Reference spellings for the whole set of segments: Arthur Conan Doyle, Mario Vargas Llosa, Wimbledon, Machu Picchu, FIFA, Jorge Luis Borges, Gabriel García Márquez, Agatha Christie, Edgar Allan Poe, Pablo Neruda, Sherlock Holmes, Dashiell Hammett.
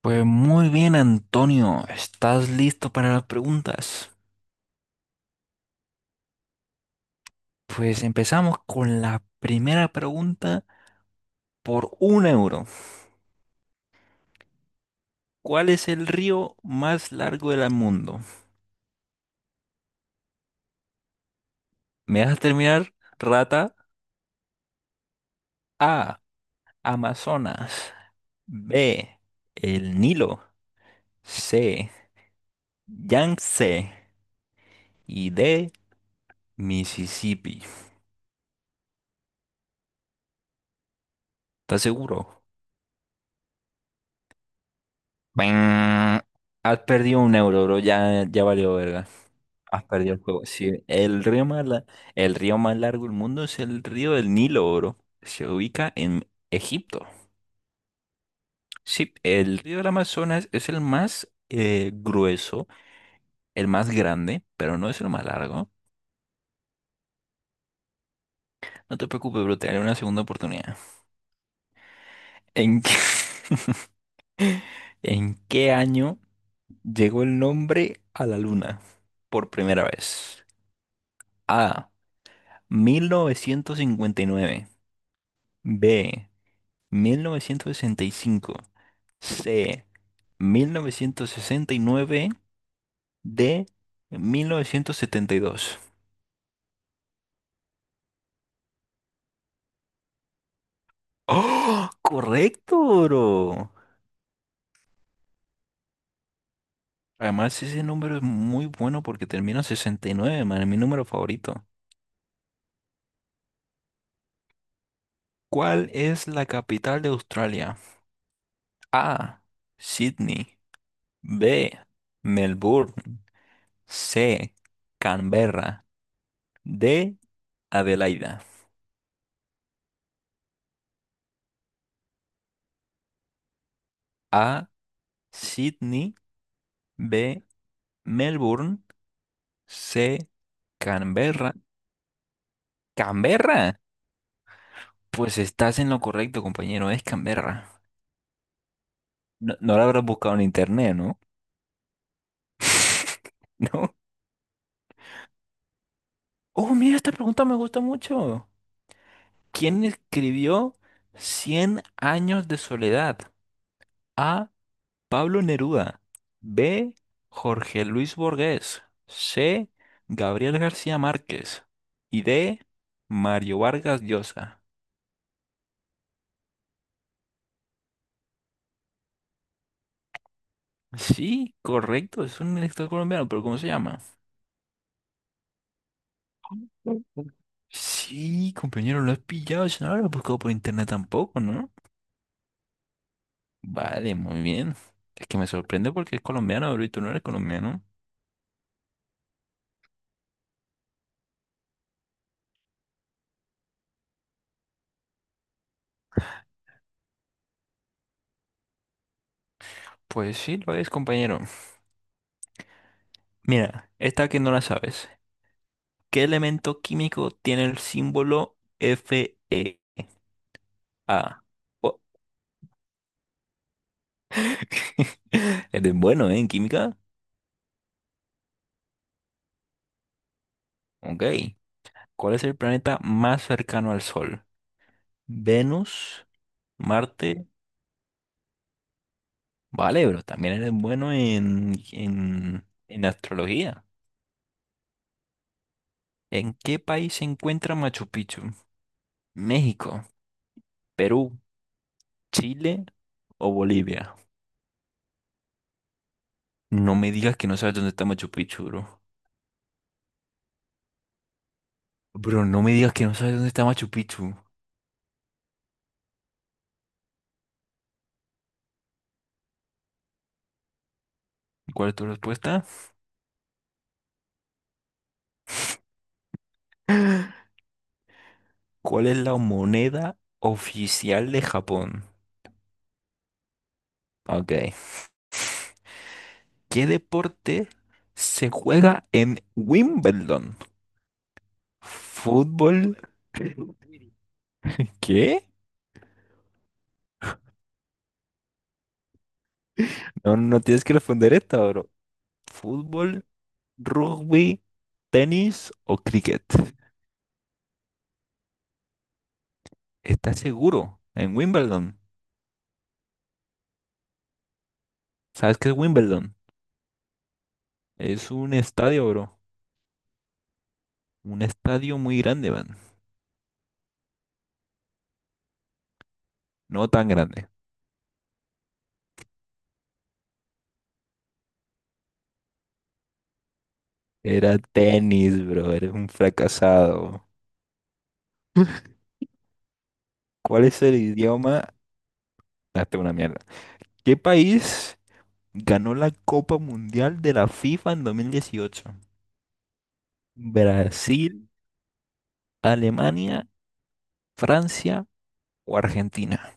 Pues muy bien, Antonio, ¿estás listo para las preguntas? Pues empezamos con la primera pregunta por un euro. ¿Cuál es el río más largo del mundo? ¿Me dejas terminar, rata? A. Amazonas. B. El Nilo. C. Yangtze. Y D. Mississippi. ¿Estás seguro? Bang. Has perdido un euro, bro. Ya, ya valió verga. Has perdido el juego. Sí, el río más largo del mundo es el río del Nilo, bro. Se ubica en Egipto. Sí, el río del Amazonas es el más grueso, el más grande, pero no es el más largo. No te preocupes, bro, te daré una segunda oportunidad. ¿En qué, ¿En qué año llegó el nombre a la luna por primera vez? A. 1959. B. 1965. C. 1969. D. 1972. ¡Oh! ¡Correcto, bro! Además, ese número es muy bueno porque termina en 69, man, es mi número favorito. ¿Cuál es la capital de Australia? A. Sydney. B. Melbourne. C. Canberra. D. Adelaida. A. Sydney. B. Melbourne, C, Canberra. ¿Canberra? Pues estás en lo correcto, compañero, es Canberra. No, no la habrás buscado en internet, ¿no? ¿No? Oh, mira, esta pregunta me gusta mucho. ¿Quién escribió Cien años de soledad? A. Pablo Neruda. B. Jorge Luis Borges. C. Gabriel García Márquez. Y D. Mario Vargas Llosa. Sí, correcto, es un elector colombiano, pero ¿cómo se llama? Sí, compañero, lo has pillado, si no lo has buscado por internet tampoco, ¿no? Vale, muy bien. Es que me sorprende porque es colombiano, bro, y tú no eres colombiano. Pues sí, lo es, compañero. Mira, esta que no la sabes. ¿Qué elemento químico tiene el símbolo FeA? Oh, Eres bueno, ¿eh? En química. Ok. ¿Cuál es el planeta más cercano al Sol? ¿Venus, Marte, Vale, pero también eres bueno en, en astrología. ¿En qué país se encuentra Machu Picchu? ¿México, Perú, Chile o Bolivia? No me digas que no sabes dónde está Machu Picchu, bro. Bro, no me digas que no sabes dónde está Machu Picchu. ¿Cuál es tu respuesta? ¿Cuál es la moneda oficial de Japón? Ok. ¿Qué deporte se juega en Wimbledon? ¿Fútbol? ¿Qué? No, no tienes que responder esta, bro. ¿Fútbol, rugby, tenis o cricket? ¿Estás seguro? En Wimbledon. ¿Sabes qué es Wimbledon? Es un estadio, bro. Un estadio muy grande, man. No tan grande. Era tenis, bro. Eres un fracasado. ¿Cuál es el idioma? Date una mierda. ¿Qué país ganó la Copa Mundial de la FIFA en 2018? ¿Brasil, Alemania, Francia o Argentina?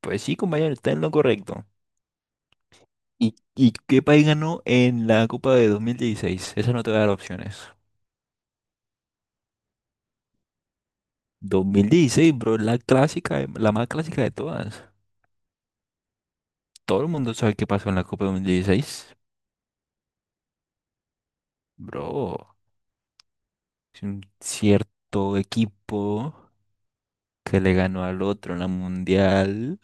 Pues sí, compañero, está en lo correcto. ¿Y qué país ganó en la Copa de 2016? Esa no te va a dar opciones. 2016, bro, la clásica, la más clásica de todas. Todo el mundo sabe qué pasó en la Copa de 2016. Bro, es un cierto equipo que le ganó al otro en la Mundial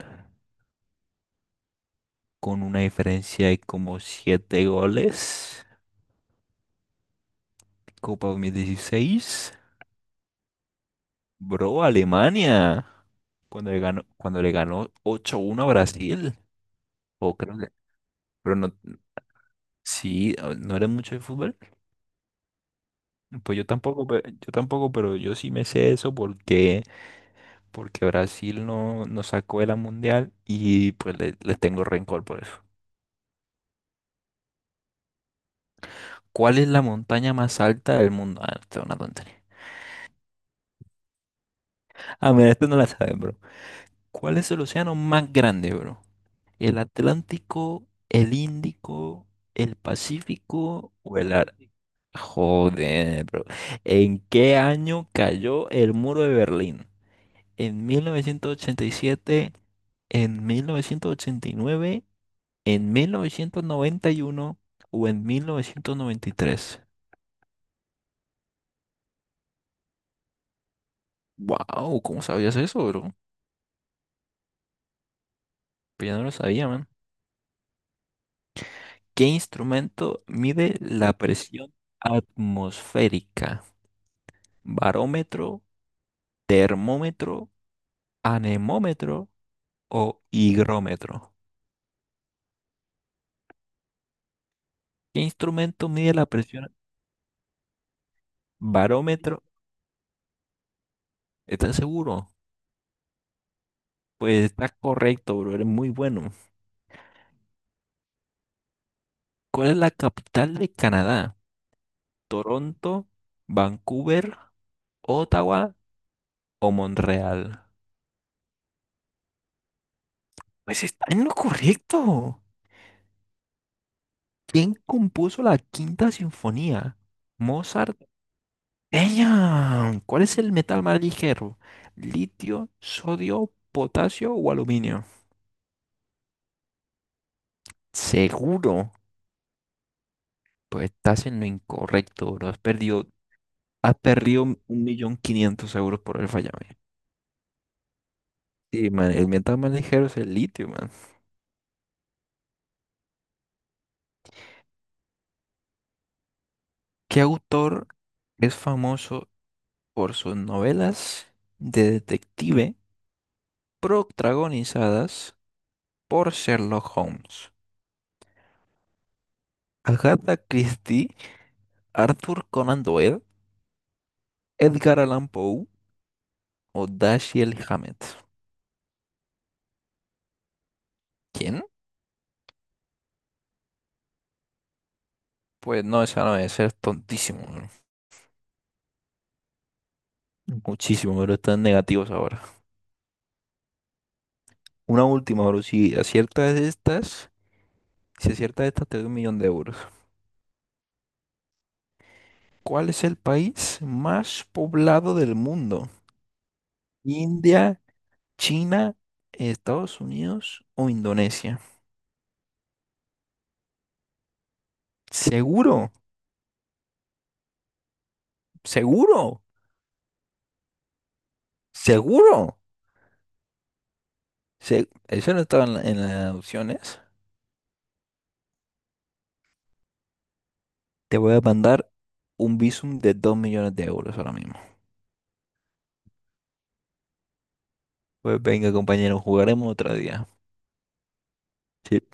con una diferencia de como 7 goles. Copa 2016. Bro, Alemania. Cuando le ganó 8-1 a Brasil. O creo que- pero no, Sí, ah, no eres mucho de fútbol. Pues yo tampoco, pero yo sí me sé eso porque, porque Brasil no sacó de la mundial y pues les tengo rencor por eso. ¿Cuál es la montaña más alta del mundo? Ah, esta es una tontería. Ah, mira, esto no la saben, bro. ¿Cuál es el océano más grande, bro? ¿El Atlántico, el Índico, el Pacífico o el Ar- Joder, bro. ¿En qué año cayó el muro de Berlín? En 1987, en 1989, en 1991 o en 1993. Wow, ¿cómo sabías eso, bro? Pues ya no lo sabía, man. ¿Qué instrumento mide la presión atmosférica? ¿Barómetro, termómetro, anemómetro o higrómetro? ¿Qué instrumento mide la presión? ¿Barómetro? ¿Estás seguro? Pues está correcto, bro. Eres muy bueno. ¿Cuál es la capital de Canadá? ¿Toronto, Vancouver, Ottawa o Montreal? Pues está en lo correcto. ¿Quién compuso la Quinta Sinfonía? Mozart. ¡Ella! ¿Cuál es el metal más ligero? ¿Litio, sodio, potasio o aluminio? Seguro. Pues estás en lo incorrecto, bro. Has perdido un millón quinientos euros por el fallame. Sí, man, el metal más ligero es el litio, man. ¿Qué autor es famoso por sus novelas de detective protagonizadas por Sherlock Holmes? ¿Agatha Christie, Arthur Conan Doyle, Edgar Allan Poe o Dashiell Hammett? ¿Quién? Pues no, esa no debe ser tontísimo, bro. Muchísimo, pero están negativos ahora. Una última, bro. Si aciertas estas, te doy un millón de euros. ¿Cuál es el país más poblado del mundo? India. China, Estados Unidos o Indonesia. Seguro, seguro, seguro. Eso no estaba en las opciones. Te voy a mandar un visum de 2 millones de euros ahora mismo. Pues venga, compañero, jugaremos otro día. Sí.